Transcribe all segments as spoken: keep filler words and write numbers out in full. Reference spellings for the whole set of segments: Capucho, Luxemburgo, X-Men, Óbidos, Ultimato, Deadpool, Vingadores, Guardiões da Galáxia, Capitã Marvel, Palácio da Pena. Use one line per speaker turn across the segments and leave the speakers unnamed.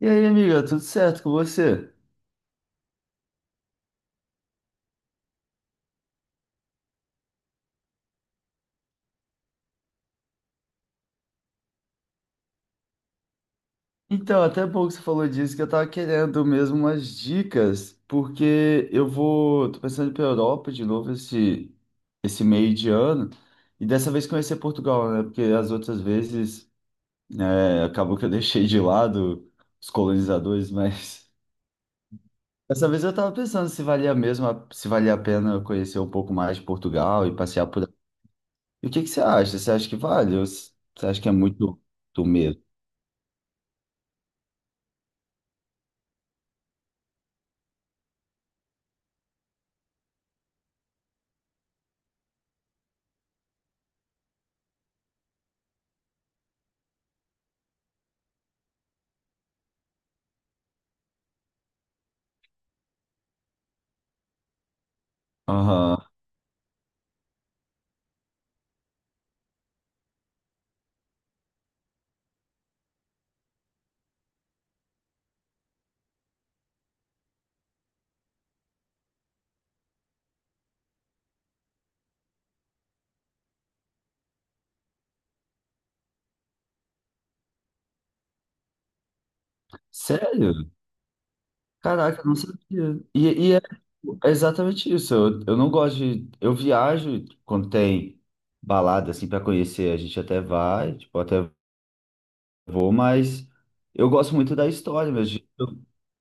E aí, amiga, tudo certo com você? Então, até bom que você falou disso, que eu tava querendo mesmo umas dicas, porque eu vou, tô pensando em ir pra Europa de novo esse, esse meio de ano, e dessa vez conhecer Portugal, né? Porque as outras vezes, é, acabou que eu deixei de lado os colonizadores, mas dessa vez eu tava pensando se valia mesmo, a- se valia a pena eu conhecer um pouco mais de Portugal e passear por... E o que que você acha? Você acha que vale? Ou você acha que é muito, do medo? Aham. Sério? Caraca, eu não sabia. E, e é é exatamente isso. Eu, eu não gosto de. Eu viajo quando tem balada, assim, para conhecer. A gente até vai, tipo, até vou, mas eu gosto muito da história mesmo.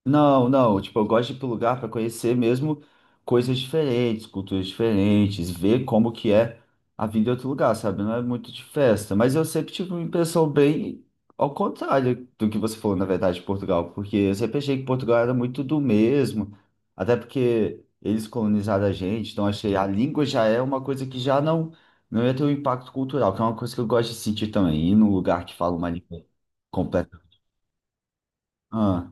Não, não, tipo, eu gosto de ir pro lugar para conhecer mesmo coisas diferentes, culturas diferentes, ver como que é a vida em outro lugar, sabe? Não é muito de festa, mas eu sempre tive uma impressão bem ao contrário do que você falou, na verdade, de Portugal, porque eu sempre achei que Portugal era muito do mesmo, até porque eles colonizaram a gente, então achei a língua já é uma coisa que já não, não ia ter um impacto cultural, que é uma coisa que eu gosto de sentir também, ir num lugar que fala uma língua completa. Ah.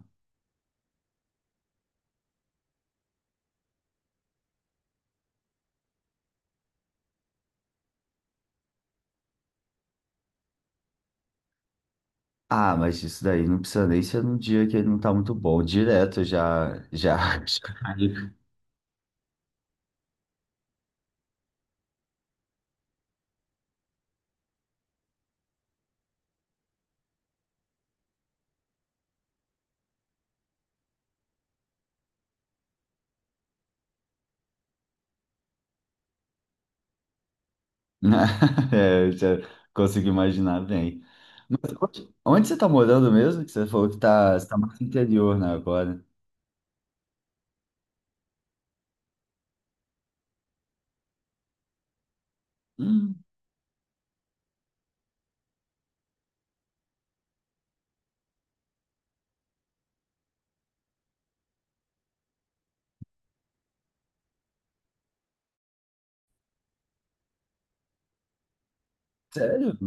Ah, mas isso daí não precisa nem ser num dia que ele não tá muito bom. Direto já, já, já, caiu, né? é, eu já consigo imaginar bem. Mas onde, onde você tá morando mesmo? Que você falou que tá, você tá mais no interior, né, agora. Hum, sério?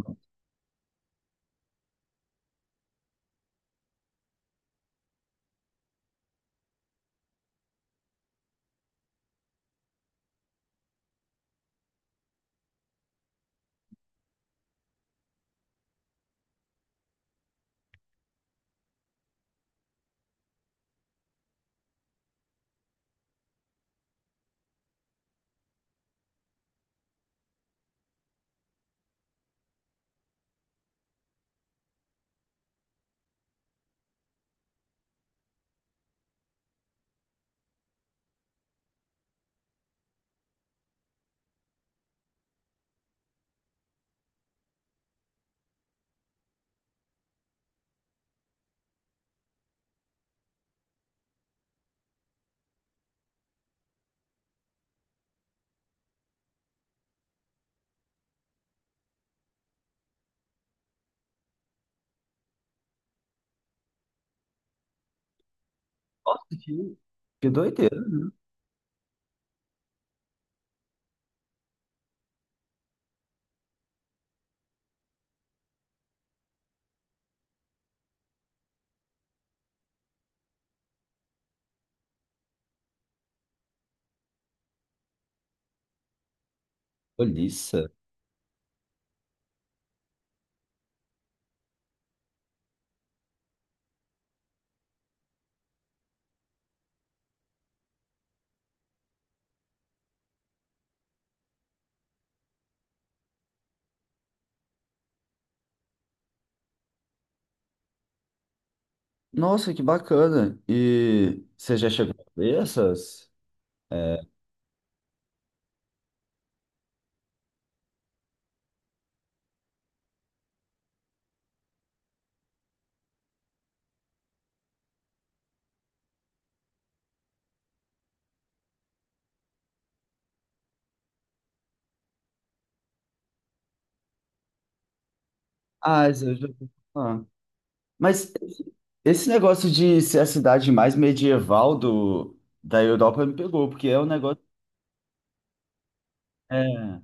Nossa, que, que doideira. Olhiça. Nossa, que bacana. E você já chegou a ver essas? É. Ah, isso eu já ouvi falar. Mas esse negócio de ser a cidade mais medieval do, da Europa me pegou, porque é um negócio. É,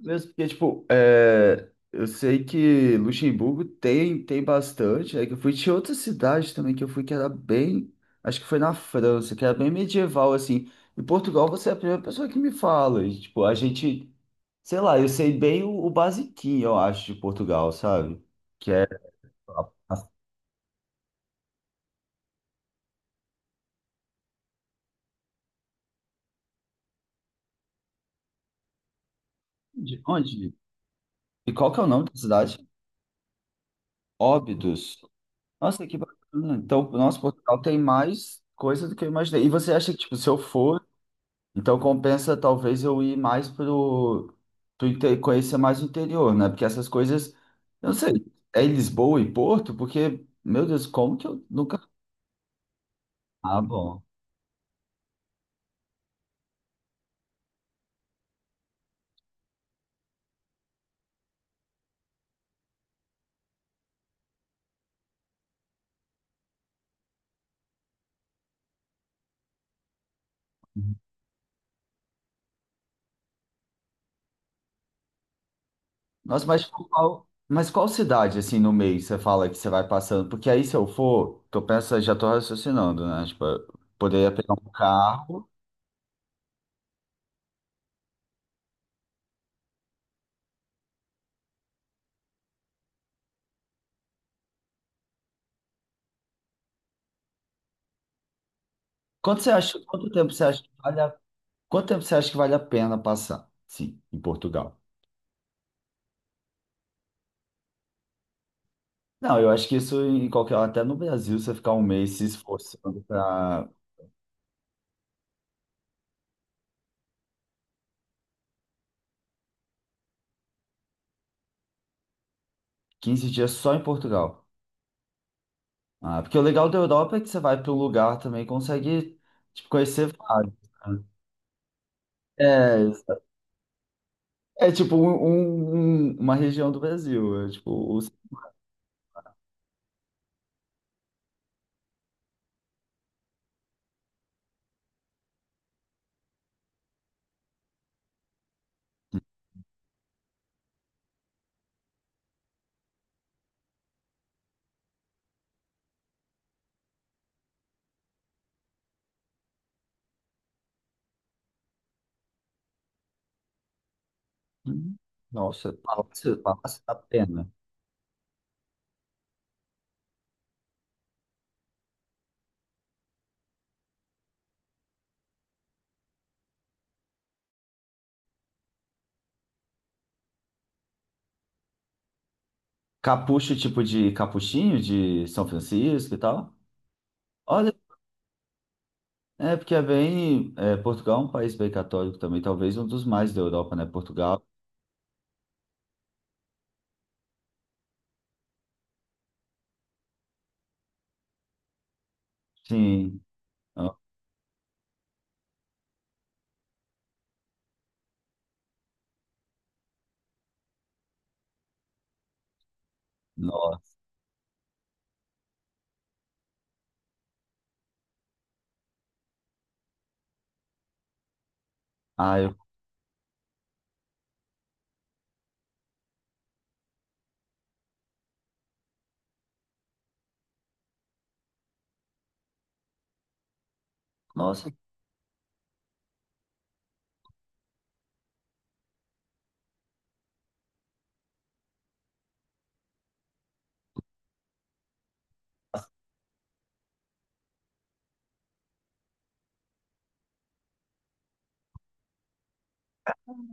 mesmo porque, tipo, é, eu sei que Luxemburgo tem, tem bastante. É que eu fui de outra cidade também que eu fui que era bem. Acho que foi na França, que era bem medieval, assim. Em Portugal, você é a primeira pessoa que me fala. E, tipo, a gente. Sei lá, eu sei bem o, o basiquinho, eu acho, de Portugal, sabe? Que é. a- a- De onde? E qual que é o nome da cidade? Óbidos. Nossa, que bacana. Então, nosso Portugal tem mais coisa do que eu imaginei. E você acha que, tipo, se eu for, então compensa talvez eu ir mais pro, pro inte- conhecer mais o interior, né? Porque essas coisas, eu não sei, é em Lisboa e Porto? Porque, meu Deus, como que eu nunca. Ah, bom. Nossa, mas tipo, qual, mas qual cidade, assim, no meio você fala que você vai passando? Porque aí, se eu for, tô pensando, já tô raciocinando, né? Tipo, eu poderia pegar um carro. Quanto você acha? Quanto tempo você acha que vale. Quanto tempo você acha que vale a pena passar? Sim, em Portugal. Não, eu acho que isso em qualquer, até no Brasil, você ficar um mês se esforçando para quinze dias só em Portugal. Ah, porque o legal da Europa é que você vai para um lugar também e consegue tipo, conhecer vários. Né? É, é tipo um- um- um, uma região do Brasil. É, tipo, os... Nossa, Palácio, Palácio da Pena. Capucho, tipo de capuchinho de São Francisco e tal. Olha. É, porque é bem. É, Portugal é um país bem católico também, talvez um dos mais da Europa, né? Portugal. Sim. Nossa. Ah, eu... Nossa,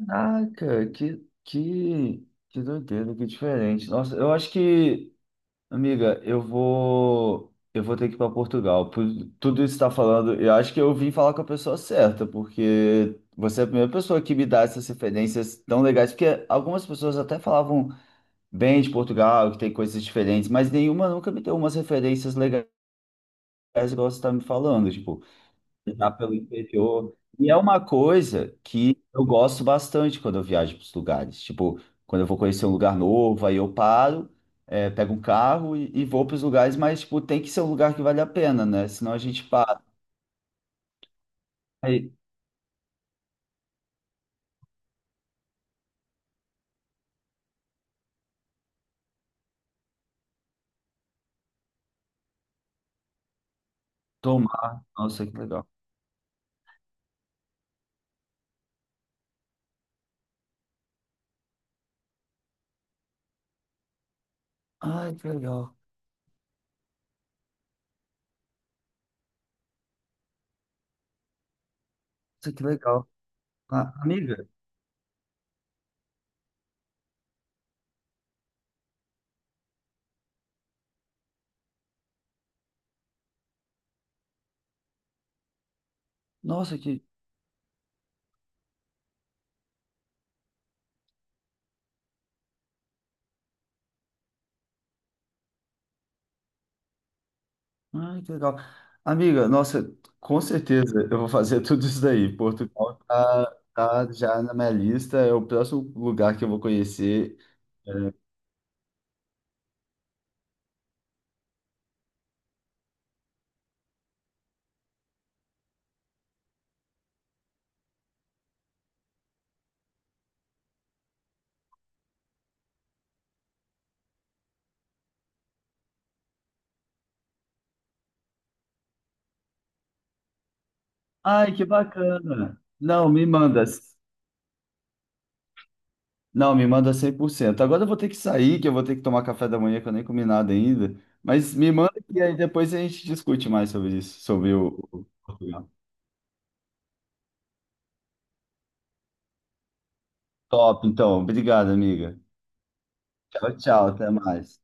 caraca, que, que, que doideira, que diferente. Nossa, eu acho que, amiga, eu vou. Eu vou ter que ir para Portugal. Por tudo isso que está falando, eu acho que eu vim falar com a pessoa certa, porque você é a primeira pessoa que me dá essas referências tão legais, porque algumas pessoas até falavam. Bem de Portugal, que tem coisas diferentes, mas nenhuma nunca me deu umas referências legais igual você está me falando, tipo, viajar pelo interior. E é uma coisa que eu gosto bastante quando eu viajo para os lugares. Tipo, quando eu vou conhecer um lugar novo, aí eu paro, eh, pego um carro e, e vou para os lugares, mas, tipo, tem que ser um lugar que vale a pena, né? Senão a gente para e tomar. Nossa, que legal. Ai, que legal. Nossa, que legal. Ah, amiga, nossa, que Ai, que legal. Amiga, nossa, com certeza eu vou fazer tudo isso daí. Portugal tá, tá já na minha lista, é o próximo lugar que eu vou conhecer. Ai, que bacana. Não, me manda. Não, me manda cem por cento. Agora eu vou ter que sair, que eu vou ter que tomar café da manhã, que eu nem comi nada ainda. Mas me manda e aí depois a gente discute mais sobre isso, sobre o o Portugal. Top, então. Obrigado, amiga. Tchau, tchau. Até mais.